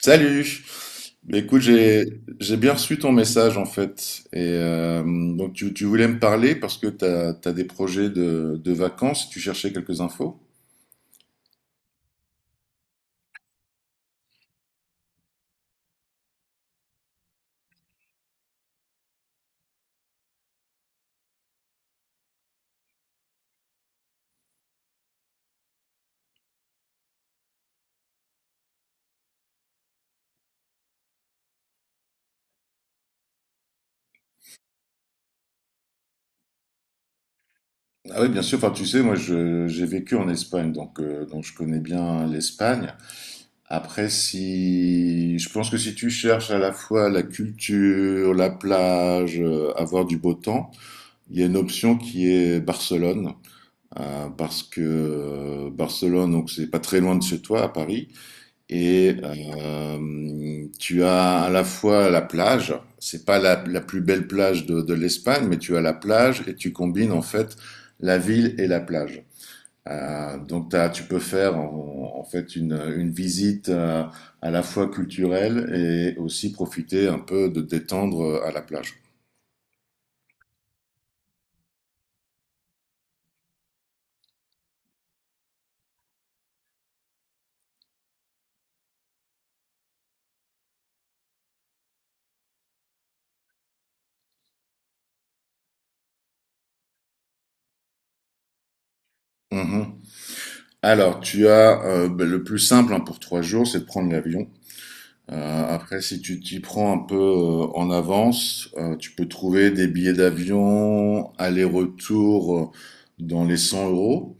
Salut! Mais écoute, j'ai bien reçu ton message en fait. Et donc tu voulais me parler parce que tu as, des projets de vacances, tu cherchais quelques infos. Ah oui, bien sûr. Enfin, tu sais, moi j'ai vécu en Espagne, donc je connais bien l'Espagne. Après, si je pense que si tu cherches à la fois la culture, la plage, avoir du beau temps. Il y a une option qui est Barcelone, parce que Barcelone, donc c'est pas très loin de chez toi, à Paris, et tu as à la fois la plage, c'est pas la plus belle plage de l'Espagne, mais tu as la plage et tu combines en fait la ville et la plage. Donc tu peux faire en fait une visite à la fois culturelle et aussi profiter un peu de détendre à la plage. Mmh Alors, tu as, beh, le plus simple, hein, pour 3 jours, c'est de prendre l'avion. Après, si tu t'y prends un peu, en avance, tu peux trouver des billets d'avion aller-retour, dans les 100 euros.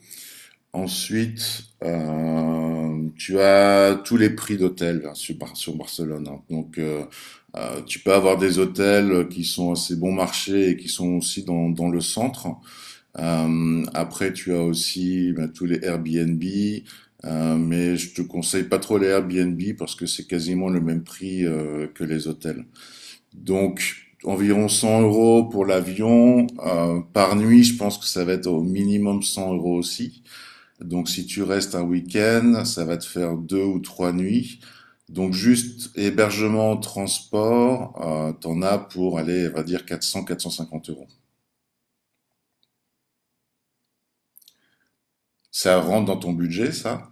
Ensuite, tu as tous les prix d'hôtels sur Bar sur Barcelone, hein. Donc, tu peux avoir des hôtels, qui sont assez bon marché et qui sont aussi dans le centre. Après, tu as aussi bah, tous les Airbnb, mais je te conseille pas trop les Airbnb parce que c'est quasiment le même prix que les hôtels. Donc, environ 100 euros pour l'avion. Par nuit, je pense que ça va être au minimum 100 euros aussi. Donc, si tu restes un week-end, ça va te faire 2 ou 3 nuits. Donc, juste hébergement, transport, t'en as pour aller, on va dire, 400-450 euros. Ça rentre dans ton budget, ça?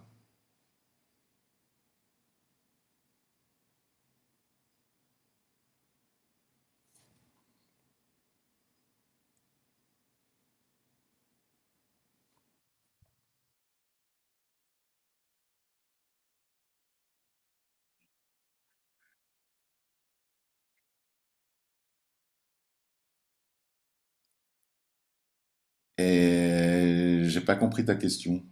Et j'ai pas compris ta question.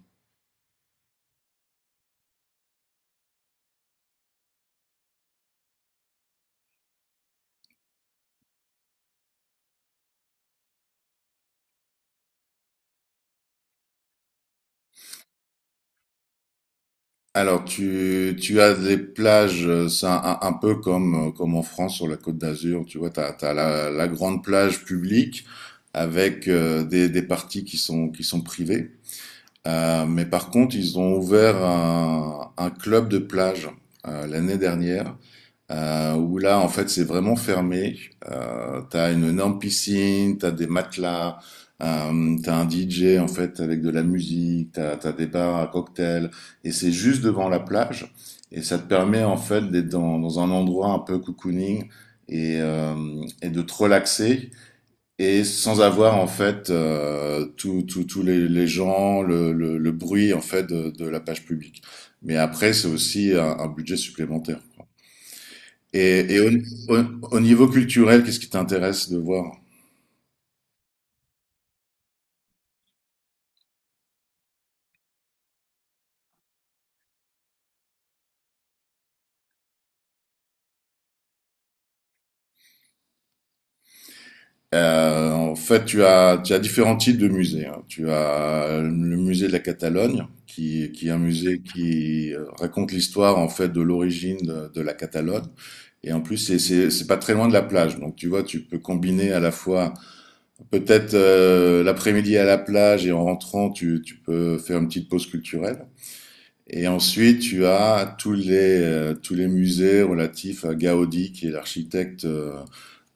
Alors, tu as des plages, c'est un peu comme, comme en France sur la Côte d'Azur, tu vois, tu as, la grande plage publique avec des parties qui sont privées. Mais par contre, ils ont ouvert un club de plage l'année dernière où là, en fait, c'est vraiment fermé. T'as une énorme piscine, t'as des matelas, t'as un DJ, en fait, avec de la musique, t'as des bars à cocktails, et c'est juste devant la plage. Et ça te permet, en fait, d'être dans un endroit un peu cocooning et de te relaxer. Et sans avoir en fait tous les gens, le bruit en fait de la page publique. Mais après, c'est aussi un budget supplémentaire. Et au niveau culturel, qu'est-ce qui t'intéresse de voir? En fait, tu as différents types de musées, hein. Tu as le musée de la Catalogne, qui est un musée qui raconte l'histoire en fait de l'origine de la Catalogne. Et en plus, c'est pas très loin de la plage. Donc, tu vois, tu peux combiner à la fois peut-être l'après-midi à la plage et en rentrant, tu peux faire une petite pause culturelle. Et ensuite, tu as tous les musées relatifs à Gaudi, qui est l'architecte, euh,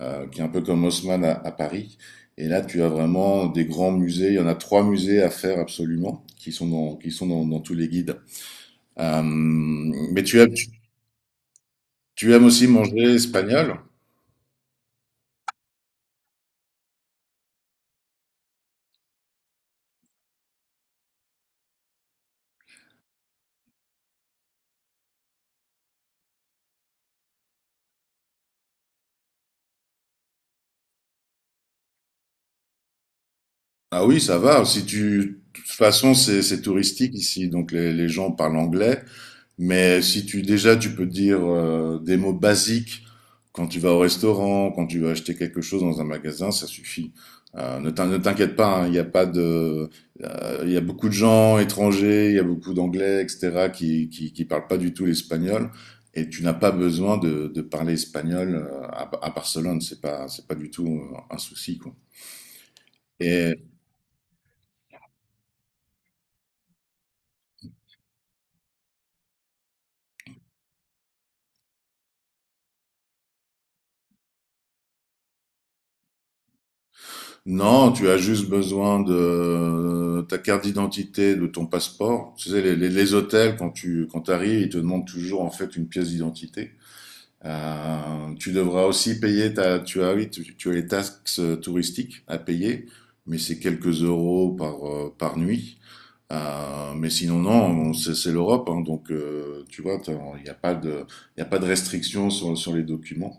euh, qui est un peu comme Haussmann à Paris. Et là, tu as vraiment des grands musées. Il y en a trois musées à faire absolument, dans tous les guides. Mais tu aimes aussi manger espagnol? Ah oui, ça va. Si tu, de toute façon, c'est touristique ici, donc les gens parlent anglais. Mais si tu déjà, tu peux dire des mots basiques quand tu vas au restaurant, quand tu vas acheter quelque chose dans un magasin, ça suffit. Ne t'inquiète pas, hein, il y a pas de, il y a beaucoup de gens étrangers, il y a beaucoup d'anglais, etc. qui parlent pas du tout l'espagnol. Et tu n'as pas besoin de parler espagnol à Barcelone. C'est pas du tout un souci quoi. Non, tu as juste besoin de ta carte d'identité, de ton passeport. Tu sais, les hôtels, quand t'arrives, ils te demandent toujours en fait une pièce d'identité. Tu devras aussi payer, oui, tu as les taxes touristiques à payer, mais c'est quelques euros par nuit. Mais sinon, non, c'est l'Europe, hein, donc tu vois, il y a pas de restrictions sur les documents.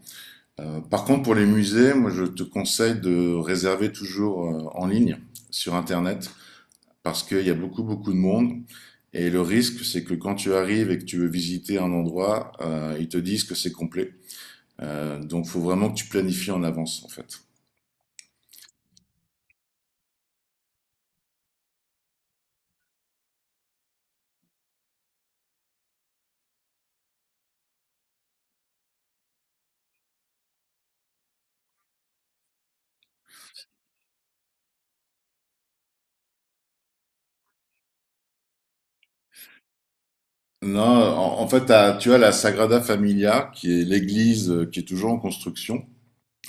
Par contre, pour les musées, moi, je te conseille de réserver toujours en ligne sur Internet parce qu'il y a beaucoup, beaucoup de monde. Et le risque, c'est que quand tu arrives et que tu veux visiter un endroit, ils te disent que c'est complet. Donc, faut vraiment que tu planifies en avance, en fait. Non, en fait, tu as la Sagrada Familia, qui est l'église qui est toujours en construction,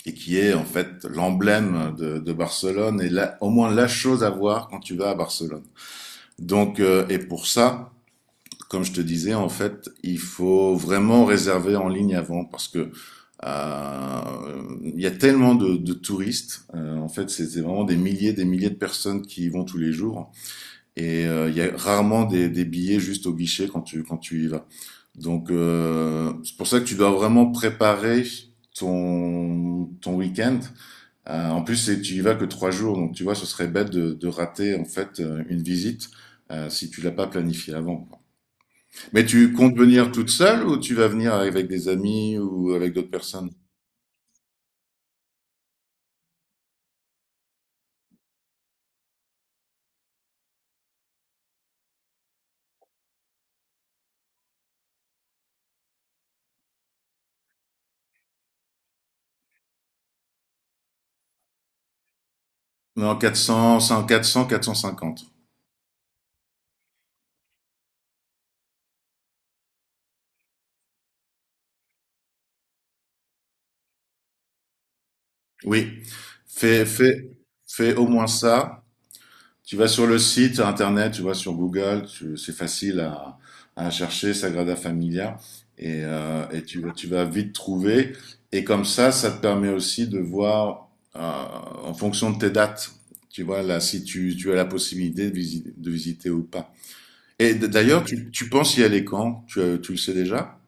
et qui est en fait l'emblème de Barcelone et là, au moins la chose à voir quand tu vas à Barcelone. Donc, et pour ça, comme je te disais, en fait, il faut vraiment réserver en ligne avant parce que euh, il y a tellement de touristes. En fait, c'est vraiment des milliers de personnes qui y vont tous les jours. Et il y a rarement des billets juste au guichet quand tu y vas. Donc c'est pour ça que tu dois vraiment préparer ton week-end en plus, tu y vas que 3 jours, donc tu vois, ce serait bête de rater en fait une visite si tu l'as pas planifiée avant, quoi. Mais tu comptes venir toute seule ou tu vas venir avec des amis ou avec d'autres personnes? Non, quatre cents, cent quatre cents, 450. Oui, fais, fais, fais au moins ça. Tu vas sur le site internet, tu vas sur Google, c'est facile à chercher, Sagrada Familia, et tu vas vite trouver. Et comme ça te permet aussi de voir, euh, en fonction de tes dates, tu vois, là, si tu as la possibilité de visiter, ou pas. Et d'ailleurs, tu penses y aller quand? Tu le sais déjà?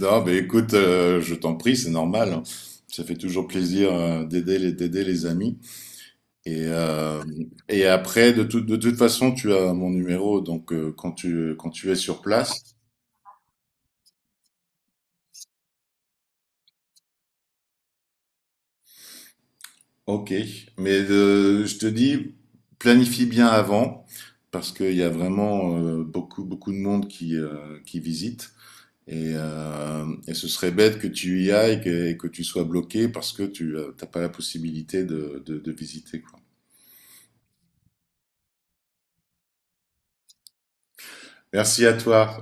Non, mais écoute, je t'en prie, c'est normal, hein. Ça fait toujours plaisir, d'aider les amis. Et, euh, et après, de toute façon, tu as mon numéro, donc quand tu es sur place, ok. Mais je te dis, planifie bien avant, parce qu'il y a vraiment beaucoup, beaucoup de monde qui visite. Et ce serait bête que tu y ailles et que, tu sois bloqué parce que tu n'as pas la possibilité de visiter, quoi. Merci à toi.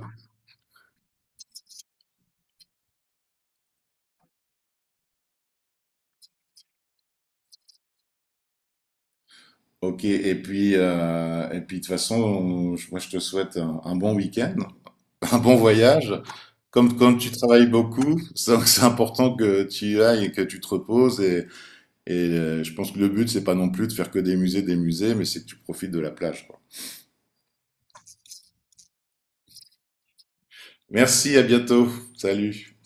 Ok, et puis de toute façon, moi je te souhaite un bon week-end, un bon voyage. Comme tu travailles beaucoup, c'est important que tu y ailles et que tu te reposes. Et, je pense que le but, c'est pas non plus de faire que des musées, mais c'est que tu profites de la plage, quoi. Merci, à bientôt. Salut.